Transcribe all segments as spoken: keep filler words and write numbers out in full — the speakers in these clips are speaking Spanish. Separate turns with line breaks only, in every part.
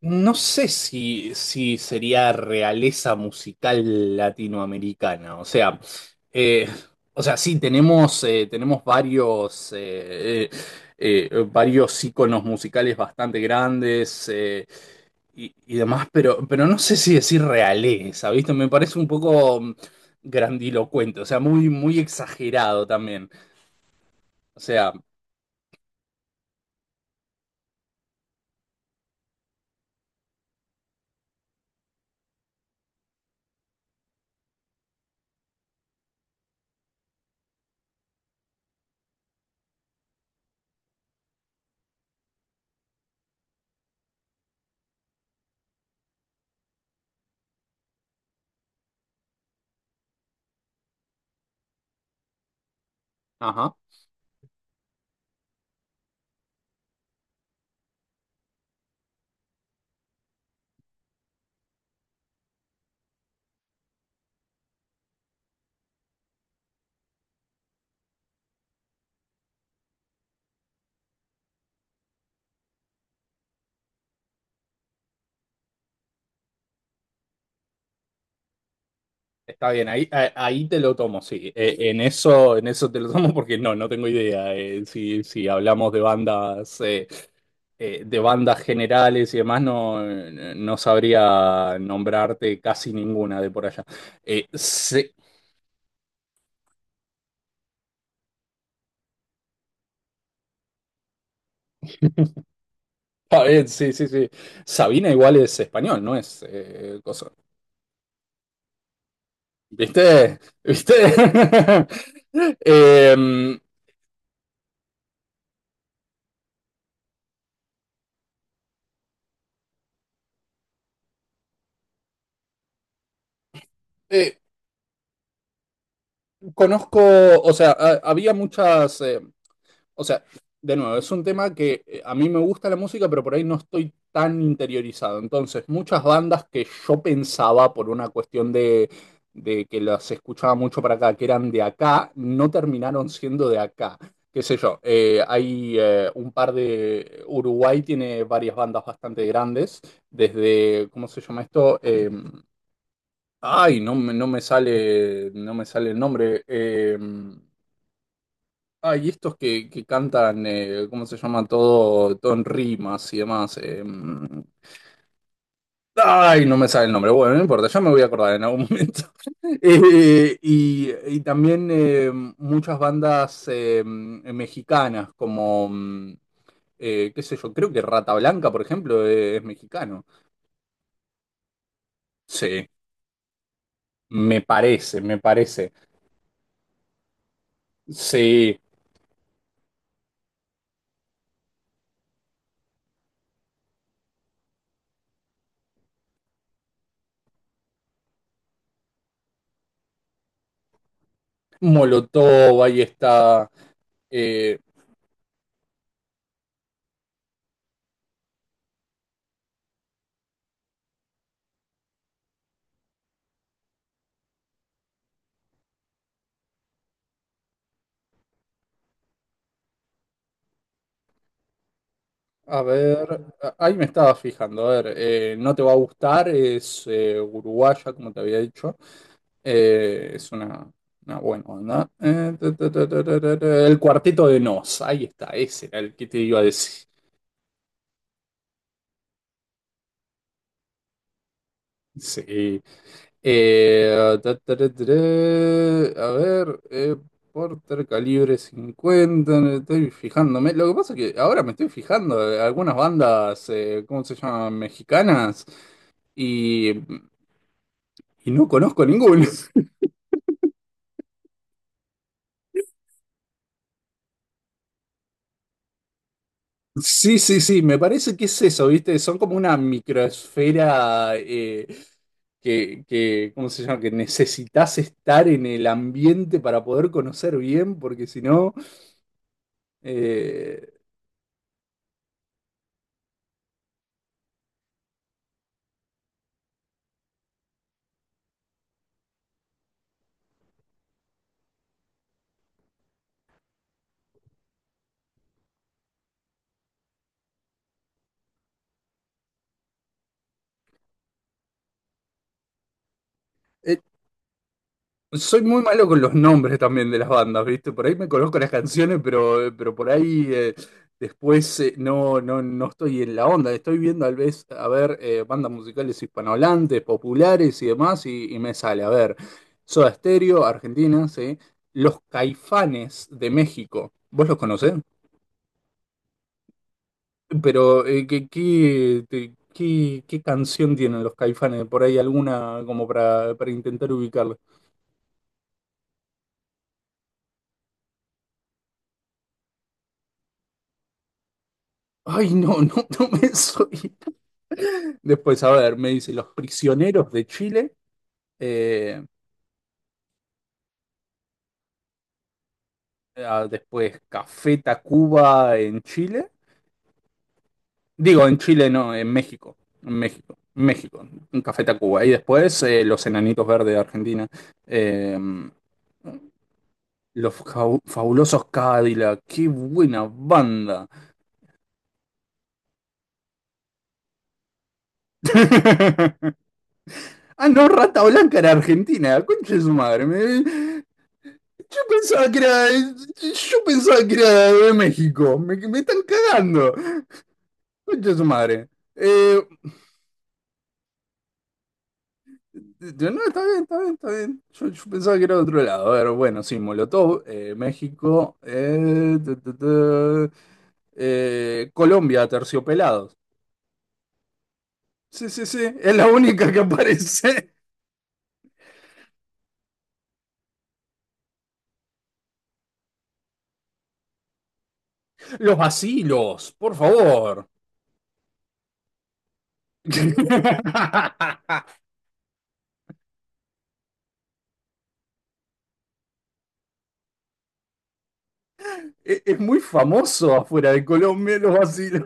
No sé si, si sería realeza musical latinoamericana. O sea, eh, o sea, sí, tenemos, eh, tenemos varios, eh, eh, eh, varios íconos musicales bastante grandes eh, y, y demás, pero, pero no sé si decir realeza, ¿viste? Me parece un poco mm, grandilocuente, o sea, muy, muy exagerado también. O sea, ajá. Está bien, ahí, a- ahí te lo tomo, sí. Eh, en eso, en eso te lo tomo porque no, no tengo idea. eh, si, si hablamos de bandas, eh, eh, de bandas generales y demás, no, no sabría nombrarte casi ninguna de por allá. Eh, sí, está bien, sí, sí, sí. Sabina igual es español, no es eh, cosa. ¿Viste? ¿Viste? Eh, eh, conozco, o sea, ha- había muchas. eh, O sea, de nuevo, es un tema que eh, a mí me gusta la música, pero por ahí no estoy tan interiorizado. Entonces, muchas bandas que yo pensaba por una cuestión de, de que las escuchaba mucho para acá, que eran de acá, no terminaron siendo de acá. Qué sé yo, eh, hay eh, un par de Uruguay tiene varias bandas bastante grandes, desde, ¿cómo se llama esto? Eh, ay, no, me- no me sale, no me sale el nombre. eh, Ah, y estos que, que cantan, eh, ¿cómo se llama? Todo, todo en rimas y demás. Eh, mm, ay, no me sale el nombre. Bueno, no importa, ya me voy a acordar en algún momento. Eh, y, y también eh, muchas bandas eh, mm, mexicanas, como, mm, eh, qué sé yo, creo que Rata Blanca, por ejemplo, eh, es mexicano. Sí, me parece, me parece. Sí, Molotov, ahí está. eh, A ver, a- ahí me estaba fijando, a ver, eh, no te va a gustar, es eh, uruguaya, como te había dicho, eh, es una, una buena onda. Eh, ta, ta, ta, ta, ta, ta, ta, el Cuarteto de Nos, ahí está, ese era el que te iba a decir. Sí. Eh, ta, ta, ta, ta, ta, a ver, eh, Porter, calibre cincuenta, me estoy fijándome. Lo que pasa es que ahora me estoy fijando, eh, algunas bandas, eh, ¿cómo se llaman? Mexicanas. Y Y no conozco ninguno. Sí, sí, sí, me parece que es eso, ¿viste? Son como una microesfera eh, que, que, ¿cómo se llama? Que necesitas estar en el ambiente para poder conocer bien, porque si no, eh, eh, soy muy malo con los nombres también de las bandas, ¿viste? Por ahí me conozco las canciones, pero, pero por ahí eh, después, eh, no, no, no estoy en la onda. Estoy viendo tal vez, a ver, eh, bandas musicales hispanohablantes, populares y demás, y, y me sale, a ver, Soda Stereo, Argentina, ¿sí? Los Caifanes de México, ¿vos los conocés? Pero, eh, ¿qué, qué, te- qué- qué canción tienen los Caifanes? Por ahí alguna como para, para intentar ubicarla. Ay, no, no, no me soy. Después, a ver, me dice Los Prisioneros de Chile. eh, ah, después Café Tacuba en Chile. Digo, en Chile no, en México. En México. en México, en Café Tacuba. Y después eh, Los Enanitos Verdes de Argentina. eh, los Fau- Fabulosos Cadillac. Qué buena banda. Ah, no, Rata Blanca era argentina. Concha de su madre. me- Yo pensaba que era, yo pensaba que era de México. Me, me están cagando. Concha de su madre. Eh, yo, no, está bien, está bien, está bien. Yo, yo pensaba que era de otro lado. A ver, bueno, sí, Molotov, eh, México, eh, ta, ta, ta, eh, Colombia, Terciopelados. Sí, sí, sí, es la única que aparece. Los asilos, por favor. Es, es muy famoso afuera de Colombia los asilos.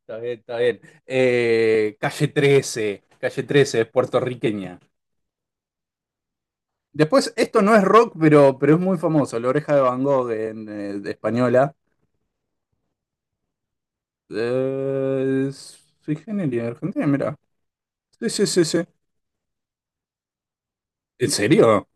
Está bien, está bien. Eh, Calle trece, Calle trece, es puertorriqueña. Después, esto no es rock, pero, pero es muy famoso. La Oreja de Van Gogh en, eh, de española. Eh, Sui generis, Argentina, mira. Sí, sí, sí, sí. ¿En serio?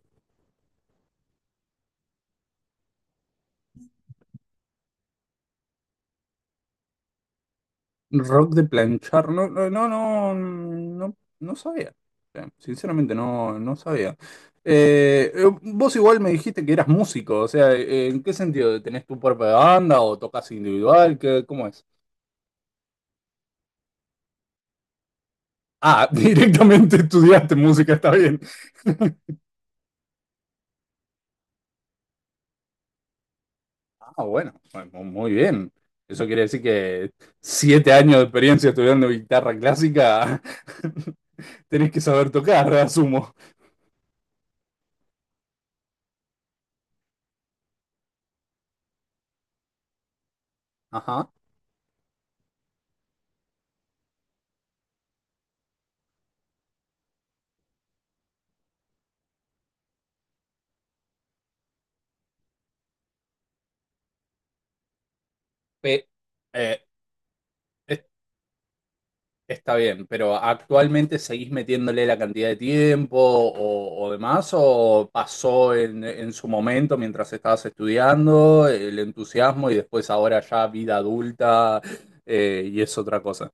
Rock de planchar. No, no, no, no, no, no sabía. Eh, Sinceramente, no, no sabía. Eh, eh, vos igual me dijiste que eras músico, o sea, eh, ¿en qué sentido? ¿Tenés tu propia banda o tocas individual? ¿Qué, cómo es? Ah, directamente estudiaste música, está bien. Ah, bueno, pues, mu- muy bien. Eso quiere decir que siete años de experiencia estudiando guitarra clásica, tenés que saber tocar, asumo. Ajá. Pe- eh, es- está bien, pero ¿actualmente seguís metiéndole la cantidad de tiempo o, o demás? ¿O pasó en, en, su momento mientras estabas estudiando el entusiasmo y después ahora ya vida adulta eh, y es otra cosa?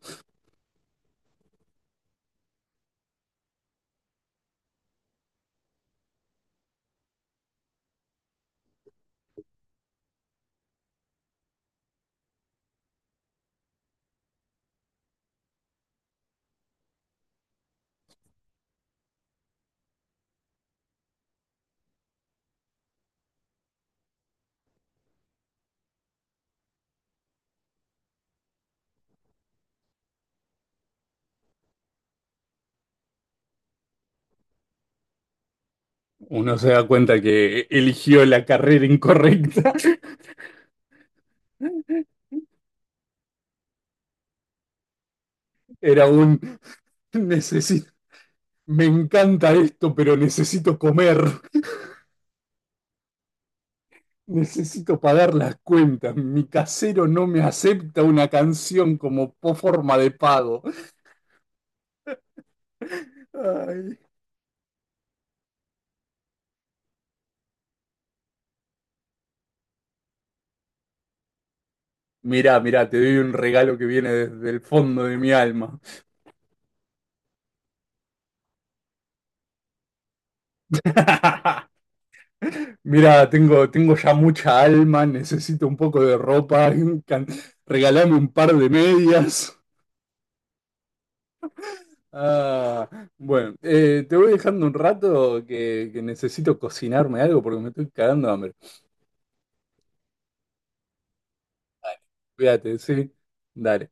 Uno se da cuenta que eligió la carrera incorrecta. Era un necesito, me encanta esto, pero necesito comer, necesito pagar las cuentas. Mi casero no me acepta una canción como po- forma de pago. Ay. Mirá, mirá, te doy un regalo que viene desde el fondo de mi alma. Mirá, tengo, tengo ya mucha alma, necesito un poco de ropa, can- regalame un par de medias. Ah, bueno, eh, te voy dejando un rato que, que necesito cocinarme algo porque me estoy cagando de hambre. Cuídate, sí. Dale.